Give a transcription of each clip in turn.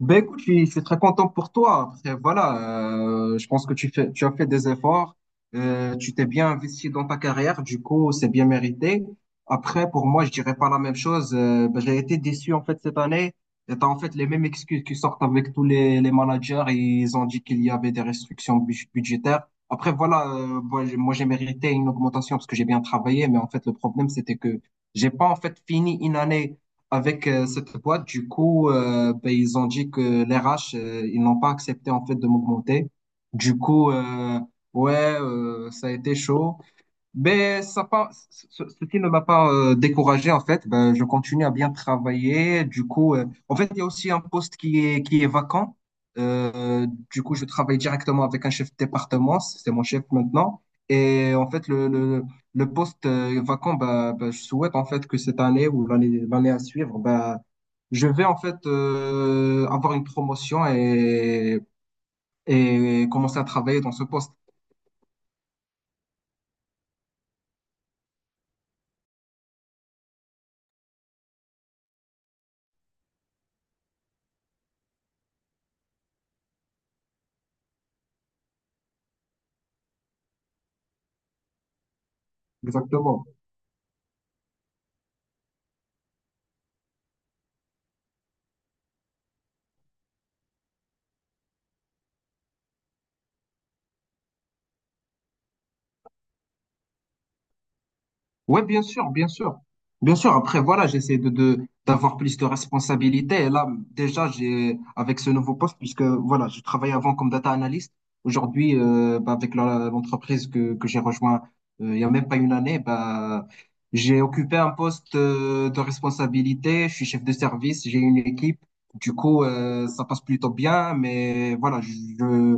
Ben écoute, je suis très content pour toi. Après, voilà, je pense que tu as fait des efforts, tu t'es bien investi dans ta carrière, du coup, c'est bien mérité. Après, pour moi, je dirais pas la même chose. J'ai été déçu en fait cette année. Et t'as en fait les mêmes excuses qui sortent avec tous les managers. Et ils ont dit qu'il y avait des restrictions budgétaires. Après, voilà, moi, j'ai mérité une augmentation parce que j'ai bien travaillé, mais en fait, le problème, c'était que j'ai pas en fait fini une année avec cette boîte, du coup, ils ont dit que les RH, ils n'ont pas accepté en fait de m'augmenter. Du coup, ouais, ça a été chaud. Ben, ça pas, ce- ce qui ne m'a pas découragé, en fait, ben, je continue à bien travailler. Du coup, en fait, il y a aussi un poste qui est vacant. Du coup, je travaille directement avec un chef de département, c'est mon chef maintenant. Et en fait, le poste vacant, ben, je souhaite en fait que cette année ou l'année à suivre, ben, je vais en fait avoir une promotion et commencer à travailler dans ce poste. Exactement. Oui, bien sûr, bien sûr. Bien sûr, après, voilà, j'essaie d'avoir plus de responsabilités. Et là, déjà, j'ai, avec ce nouveau poste, puisque, voilà, je travaillais avant comme data analyst. Aujourd'hui, bah, avec l'entreprise que j'ai rejoint, il y a même pas une année, bah, j'ai occupé un poste, de responsabilité. Je suis chef de service, j'ai une équipe. Du coup, ça passe plutôt bien, mais voilà, je,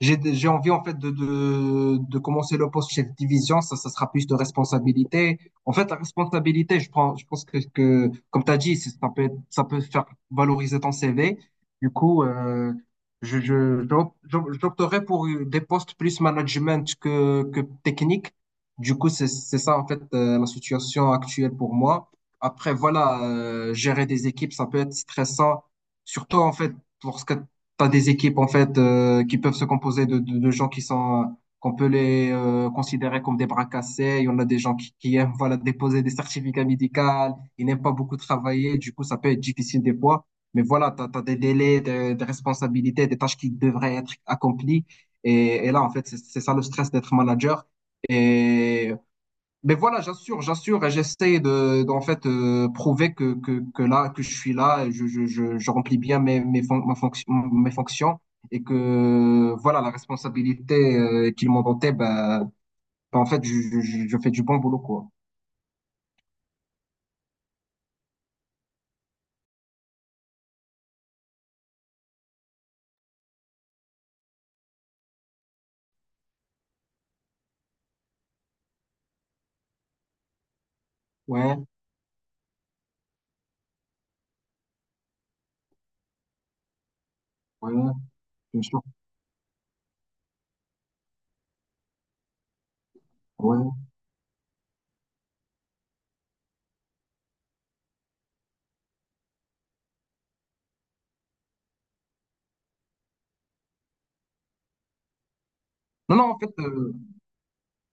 j'ai envie en fait de commencer le poste chef de division, ça sera plus de responsabilité. En fait, la responsabilité, je prends, je pense que comme tu as dit, ça peut faire valoriser ton CV. Du coup, j'opterais pour des postes plus management que technique. Du coup, c'est ça en fait la situation actuelle pour moi. Après, voilà, gérer des équipes, ça peut être stressant, surtout en fait lorsque t'as des équipes en fait qui peuvent se composer de gens qui sont qu'on peut les considérer comme des bras cassés. Il y en a des gens qui aiment voilà déposer des certificats médicaux, ils n'aiment pas beaucoup travailler, du coup ça peut être difficile des fois. Mais voilà, t'as des délais, des responsabilités, des tâches qui devraient être accomplies. Et là en fait c'est ça le stress d'être manager. Et mais voilà, j'assure, j'assure, et j'essaie de, d'en fait prouver que là, que je suis là, et je remplis bien mes mes fonctions et que voilà, la responsabilité qu'ils m'ont donnée, bah, en fait, je fais du bon boulot, quoi. Ouais, ouais, bien sûr. Ouais. Non, non, en fait,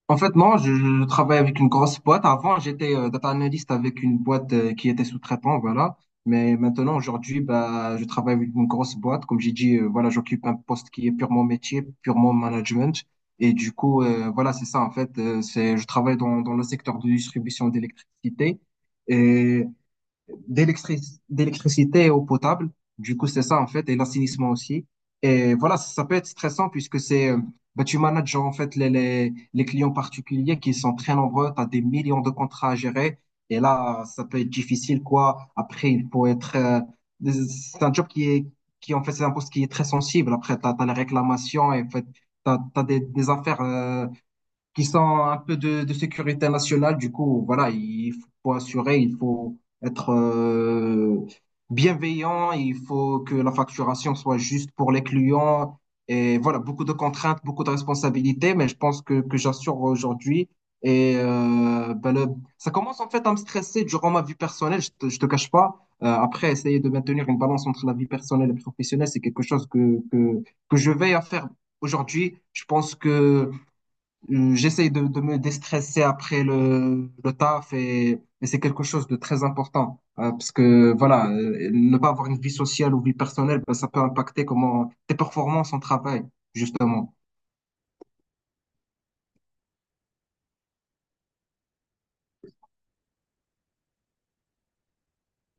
en fait, non, je travaille avec une grosse boîte. Avant, j'étais data analyst avec une boîte qui était sous-traitant, voilà. Mais maintenant, aujourd'hui, bah, je travaille avec une grosse boîte. Comme j'ai dit, voilà, j'occupe un poste qui est purement métier, purement management. Et du coup, voilà, c'est ça, en fait. Je travaille dans le secteur de distribution d'électricité. Et d'électric- d'électricité eau potable. Du coup, c'est ça en fait, et l'assainissement aussi. Et voilà, ça peut être stressant puisque c'est, bah, tu manages en fait les clients particuliers qui sont très nombreux, tu as des millions de contrats à gérer. Et là, ça peut être difficile, quoi. Après, il faut être, c'est un job qui est, qui en fait, c'est un poste qui est très sensible. Après, tu as, les réclamations et en fait, tu as, des affaires, qui sont un peu de sécurité nationale. Du coup, voilà, il faut assurer, il faut être bienveillant, il faut que la facturation soit juste pour les clients. Et voilà, beaucoup de contraintes, beaucoup de responsabilités, mais je pense que j'assure aujourd'hui. Et ça commence en fait à me stresser durant ma vie personnelle, je te cache pas. Après, essayer de maintenir une balance entre la vie personnelle et professionnelle, c'est quelque chose que je veille à faire aujourd'hui. Je pense que j'essaye de me déstresser après le taf et c'est quelque chose de très important. Parce que voilà, ne pas avoir une vie sociale ou vie personnelle, ben, ça peut impacter comment tes performances en travail, justement.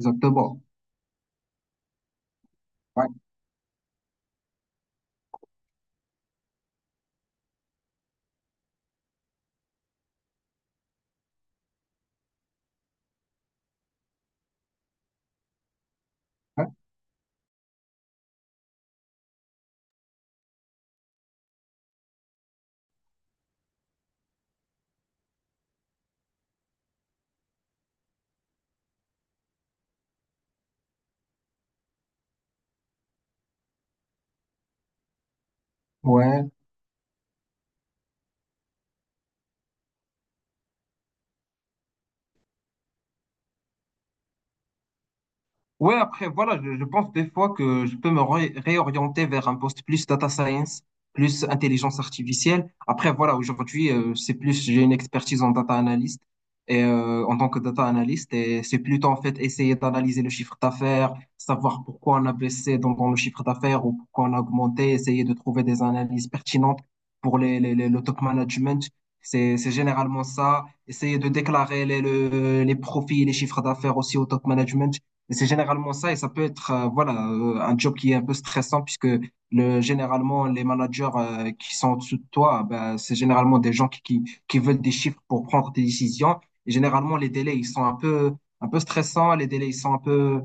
Exactement. Ouais, ouais, ouais. Ouais, après, voilà, je pense des fois que je peux me réorienter vers un poste plus data science, plus intelligence artificielle. Après, voilà, aujourd'hui, c'est plus, j'ai une expertise en data analyst et en tant que data analyst, et c'est plutôt en fait essayer d'analyser le chiffre d'affaires, savoir pourquoi on a baissé dans le chiffre d'affaires ou pourquoi on a augmenté, essayer de trouver des analyses pertinentes pour le top management. C'est généralement ça. Essayer de déclarer les profits et les chiffres d'affaires aussi au top management. Et c'est généralement ça, et ça peut être voilà, un job qui est un peu stressant, puisque le, généralement, les managers qui sont au-dessus de toi, ben, c'est généralement des gens qui veulent des chiffres pour prendre des décisions. Et généralement, les délais, ils sont un peu stressants, les délais, ils sont un peu...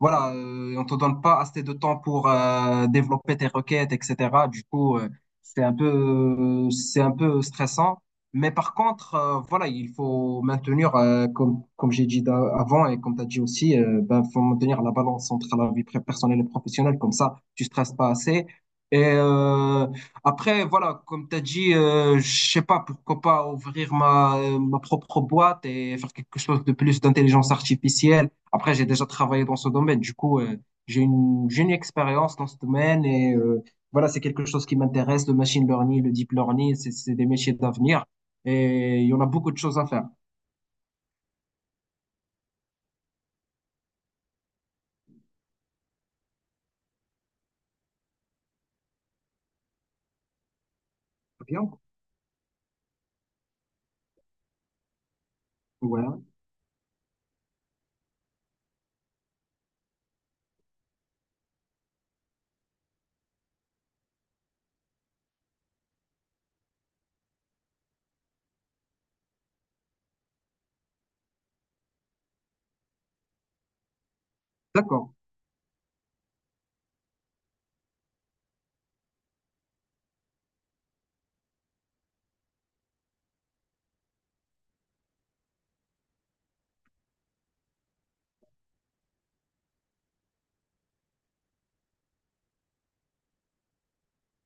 Voilà, on te donne pas assez de temps pour développer tes requêtes, etc. Du coup, c'est un peu stressant. Mais par contre, voilà, il faut maintenir, comme, comme j'ai dit avant et comme tu as dit aussi, ben, faut maintenir la balance entre la vie personnelle et professionnelle. Comme ça, tu stresses pas assez. Et après, voilà, comme tu as dit, je sais pas, pourquoi pas ouvrir ma propre boîte et faire quelque chose de plus d'intelligence artificielle. Après, j'ai déjà travaillé dans ce domaine. Du coup, j'ai une expérience dans ce domaine et voilà, c'est quelque chose qui m'intéresse, le machine learning, le deep learning, c'est des métiers d'avenir et il y en a beaucoup de choses à faire. Bien, ouais, d'accord,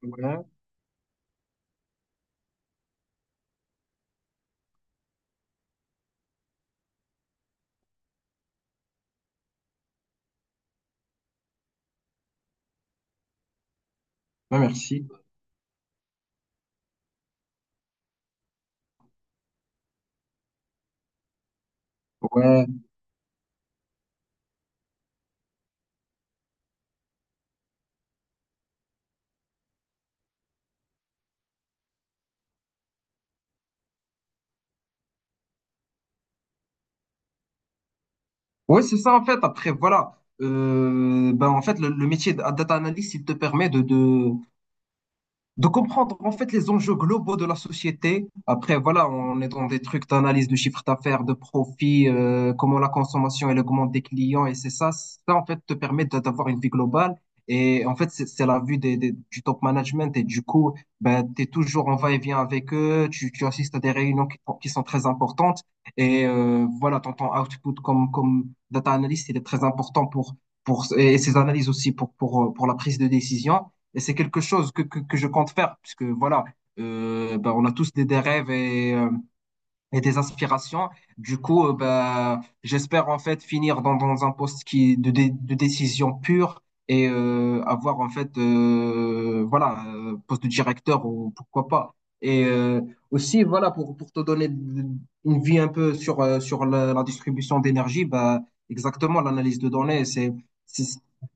ouais, bah, merci. Ouais, ouais, c'est ça en fait. Après, voilà, euh, ben, en fait, le métier de data analyst, il te permet de comprendre en fait les enjeux globaux de la société. Après, voilà, on est dans des trucs d'analyse de chiffre d'affaires, de profit, comment la consommation elle augmente des clients, et ça en fait te permet d'avoir une vie globale. Et en fait, c'est la vue du top management. Et du coup, ben, tu es toujours en va-et-vient avec eux. Tu assistes à des réunions qui sont très importantes. Et voilà, ton output comme data analyst, il est très important pour, et ses analyses aussi pour la prise de décision. Et c'est quelque chose que je compte faire, puisque voilà, bah, on a tous des rêves et des aspirations. Du coup, bah, j'espère en fait finir dans un poste de décision pure et avoir en fait, voilà, poste de directeur ou pourquoi pas. Et aussi, voilà, pour te donner une vie un peu sur, sur la distribution d'énergie, bah, exactement, l'analyse de données, c'est,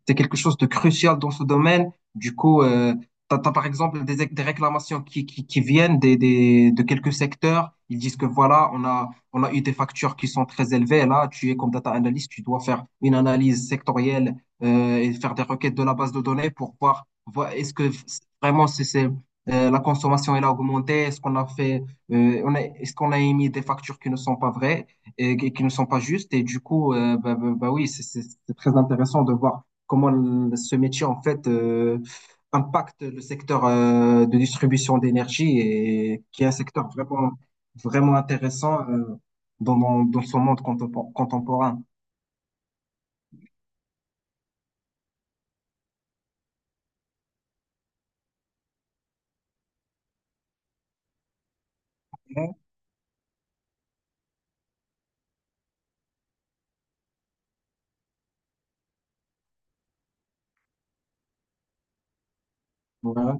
c'est quelque chose de crucial dans ce domaine. Du coup, t'as, par exemple des réclamations qui viennent de quelques secteurs. Ils disent que voilà, on a eu des factures qui sont très élevées. Là, tu es comme data analyst, tu dois faire une analyse sectorielle et faire des requêtes de la base de données pour voir, voir est-ce que vraiment la consommation elle a augmenté, est-ce qu'on a émis des factures qui ne sont pas vraies et qui ne sont pas justes. Et du coup, bah oui, c'est très intéressant de voir comment ce métier en fait impacte le secteur de distribution d'énergie et qui est un secteur vraiment, vraiment intéressant dans son monde contemporain. Ouais. Voilà.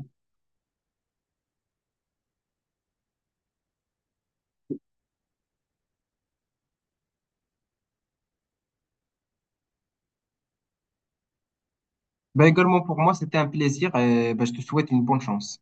Ben, également pour moi, c'était un plaisir et ben, je te souhaite une bonne chance.